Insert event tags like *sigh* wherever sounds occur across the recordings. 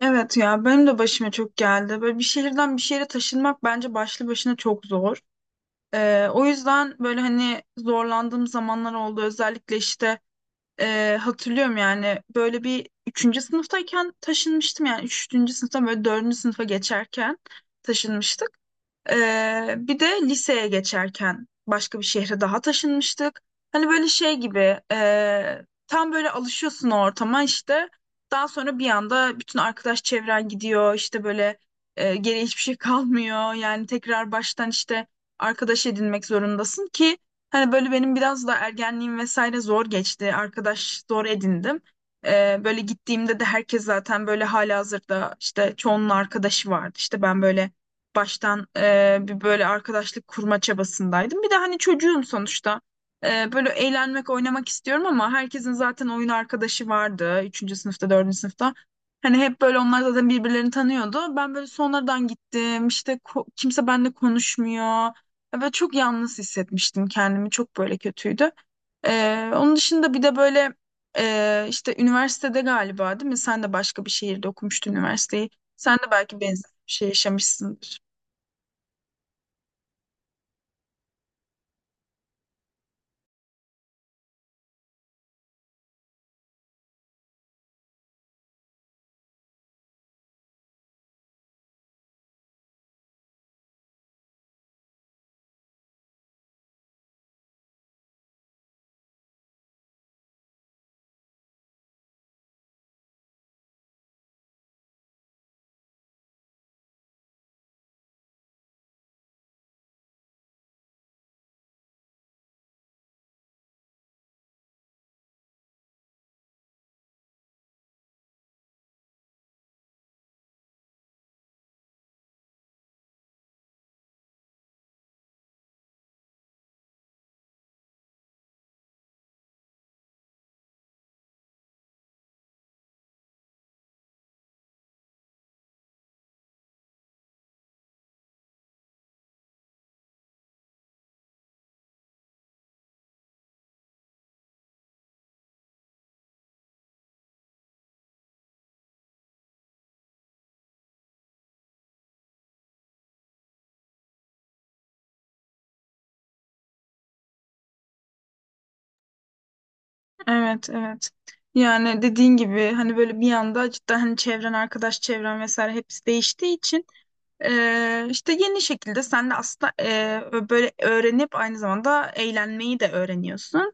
Evet ya benim de başıma çok geldi. Böyle bir şehirden bir şehre taşınmak bence başlı başına çok zor. O yüzden böyle hani zorlandığım zamanlar oldu. Özellikle işte hatırlıyorum yani böyle bir üçüncü sınıftayken taşınmıştım, yani üçüncü sınıftan böyle dördüncü sınıfa geçerken taşınmıştık. Bir de liseye geçerken başka bir şehre daha taşınmıştık. Hani böyle şey gibi tam böyle alışıyorsun o ortama işte. Daha sonra bir anda bütün arkadaş çevren gidiyor, işte böyle geriye hiçbir şey kalmıyor. Yani tekrar baştan işte arkadaş edinmek zorundasın ki hani böyle benim biraz da ergenliğim vesaire zor geçti. Arkadaş zor edindim. Böyle gittiğimde de herkes zaten böyle halihazırda, işte çoğunun arkadaşı vardı. İşte ben böyle baştan bir böyle arkadaşlık kurma çabasındaydım. Bir de hani çocuğum sonuçta. Böyle eğlenmek, oynamak istiyorum ama herkesin zaten oyun arkadaşı vardı. Üçüncü sınıfta, dördüncü sınıfta. Hani hep böyle onlar zaten birbirlerini tanıyordu. Ben böyle sonradan gittim. İşte kimse benimle konuşmuyor. Ya çok yalnız hissetmiştim kendimi. Çok böyle kötüydü. Onun dışında bir de böyle işte üniversitede galiba değil mi? Sen de başka bir şehirde okumuştun üniversiteyi. Sen de belki benzer bir şey yaşamışsındır. Evet, evet. Yani dediğin gibi hani böyle bir anda cidden hani çevren, arkadaş çevren vesaire hepsi değiştiği için işte yeni şekilde sen de aslında böyle öğrenip aynı zamanda eğlenmeyi de öğreniyorsun.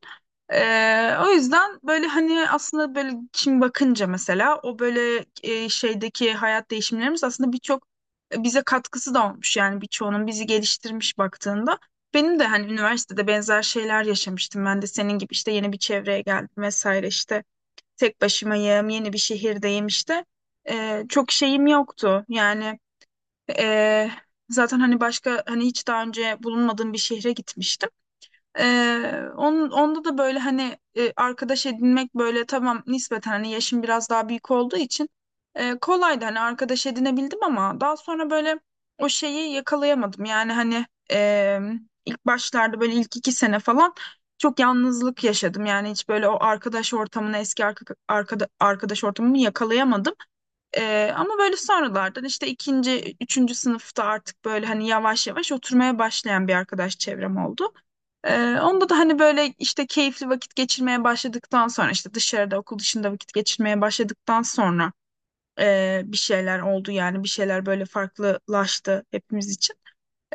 O yüzden böyle hani aslında böyle şimdi bakınca mesela o böyle şeydeki hayat değişimlerimiz aslında birçok bize katkısı da olmuş, yani birçoğunun bizi geliştirmiş baktığında. Benim de hani üniversitede benzer şeyler yaşamıştım. Ben de senin gibi işte yeni bir çevreye geldim vesaire, işte tek başımayım, yeni bir şehirdeyim işte. Çok şeyim yoktu yani, e, zaten hani başka hani hiç daha önce bulunmadığım bir şehre gitmiştim. Onun, onda da böyle hani arkadaş edinmek böyle tamam nispeten, hani yaşım biraz daha büyük olduğu için kolaydı, hani arkadaş edinebildim ama daha sonra böyle o şeyi yakalayamadım. Yani hani e, ilk başlarda böyle ilk iki sene falan çok yalnızlık yaşadım. Yani hiç böyle o arkadaş ortamını, eski arkadaş ortamımı yakalayamadım. Ama böyle sonralardan işte ikinci, üçüncü sınıfta artık böyle hani yavaş yavaş oturmaya başlayan bir arkadaş çevrem oldu. Onda da hani böyle işte keyifli vakit geçirmeye başladıktan sonra, işte dışarıda okul dışında vakit geçirmeye başladıktan sonra bir şeyler oldu yani, bir şeyler böyle farklılaştı hepimiz için.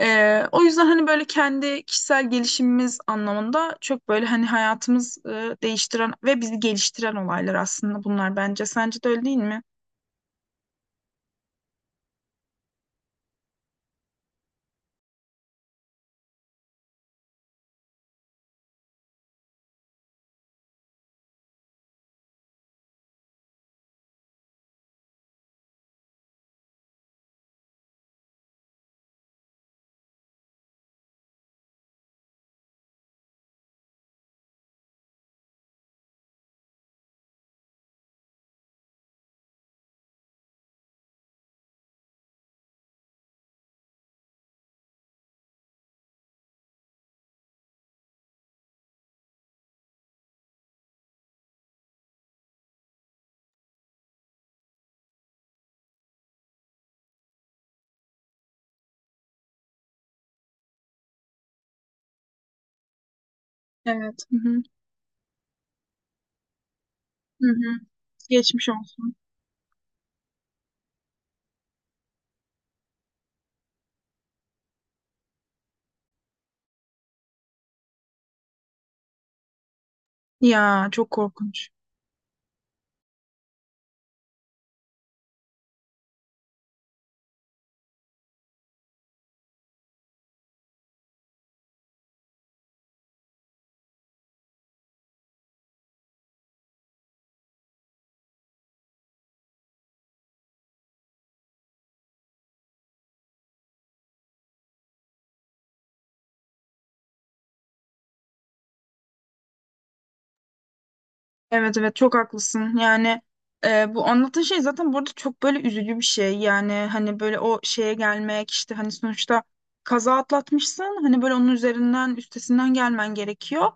O yüzden hani böyle kendi kişisel gelişimimiz anlamında çok böyle hani hayatımız değiştiren ve bizi geliştiren olaylar aslında bunlar bence. Sence de öyle değil mi? Evet. Hı hı. Hı hı. Geçmiş olsun. Ya çok korkunç. Evet, evet, çok haklısın. Yani bu anlattığın şey zaten burada çok böyle üzücü bir şey. Yani hani böyle o şeye gelmek, işte hani sonuçta kaza atlatmışsın. Hani böyle onun üzerinden, üstesinden gelmen gerekiyor.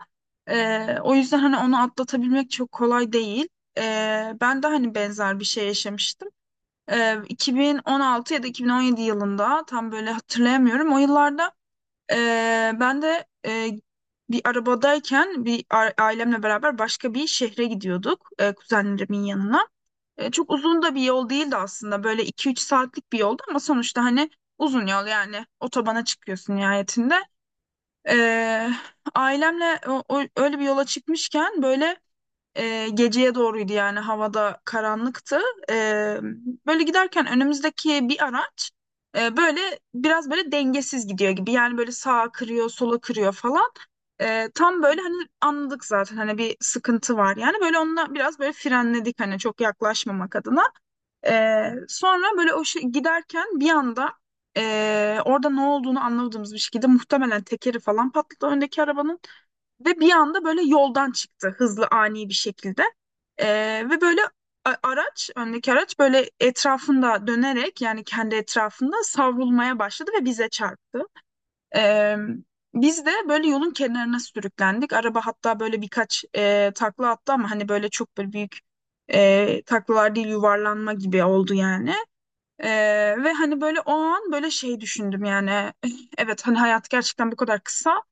E, o yüzden hani onu atlatabilmek çok kolay değil. E, Ben de hani benzer bir şey yaşamıştım. E, 2016 ya da 2017 yılında tam böyle hatırlayamıyorum. O yıllarda ee, ben de bir arabadayken, ailemle beraber başka bir şehre gidiyorduk, kuzenlerimin yanına. E, çok uzun da bir yol değildi aslında, böyle iki üç saatlik bir yoldu ama sonuçta hani uzun yol, yani otobana çıkıyorsun nihayetinde. Ee, Ailemle öyle bir yola çıkmışken, böyle geceye doğruydu yani, havada karanlıktı. E, Böyle giderken önümüzdeki bir araç böyle biraz böyle dengesiz gidiyor gibi. Yani böyle sağa kırıyor, sola kırıyor falan. Tam böyle hani anladık zaten hani bir sıkıntı var. Yani böyle onunla biraz böyle frenledik, hani çok yaklaşmamak adına. E, Sonra böyle o şey, giderken bir anda orada ne olduğunu anlamadığımız bir şekilde muhtemelen tekeri falan patladı öndeki arabanın. Ve bir anda böyle yoldan çıktı hızlı ani bir şekilde. Ve böyle araç, öndeki araç böyle etrafında dönerek, yani kendi etrafında savrulmaya başladı ve bize çarptı. Ee, Biz de böyle yolun kenarına sürüklendik. Araba hatta böyle birkaç takla attı ama hani böyle çok böyle büyük taklalar değil, yuvarlanma gibi oldu yani. Ve hani böyle o an böyle şey düşündüm yani *laughs* evet hani hayat gerçekten bu kadar kısa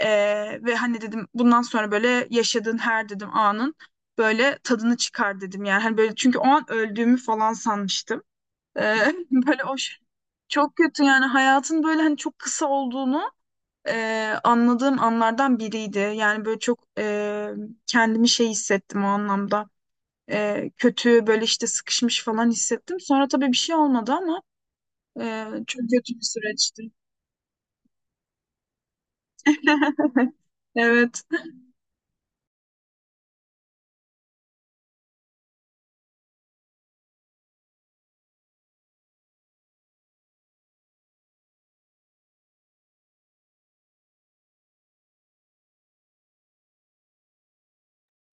ve hani dedim bundan sonra böyle yaşadığın her dedim anın böyle tadını çıkar dedim yani. Hani böyle çünkü o an öldüğümü falan sanmıştım. Ee, *laughs* böyle o şey- çok kötü yani, hayatın böyle hani çok kısa olduğunu anladığım anlardan biriydi. Yani böyle çok kendimi şey hissettim o anlamda. Kötü böyle, işte sıkışmış falan hissettim. Sonra tabii bir şey olmadı ama çok kötü bir süreçti. *laughs* Evet.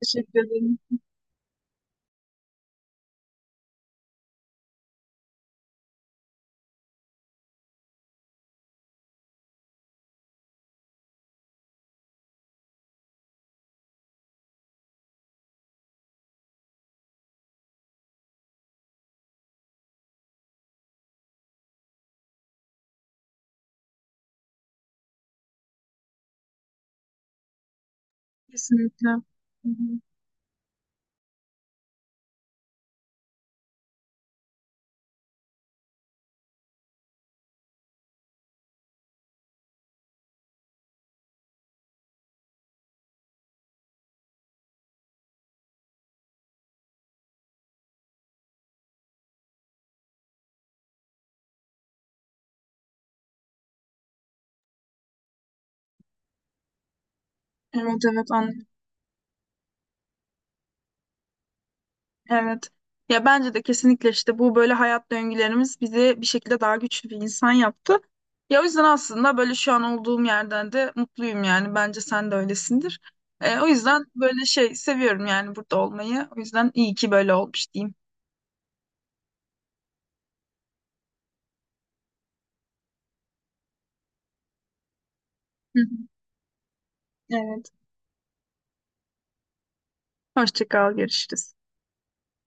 Teşekkür ederim. Kesinlikle. Hı hı. Evet, evet, anlıyorum. Evet. Ya bence de kesinlikle işte bu böyle hayat döngülerimiz bizi bir şekilde daha güçlü bir insan yaptı. Ya o yüzden aslında böyle şu an olduğum yerden de mutluyum yani. Bence sen de öylesindir. E, o yüzden böyle şey seviyorum yani, burada olmayı. O yüzden iyi ki böyle olmuş diyeyim. Hı hı. Evet. Hoşça kal, görüşürüz.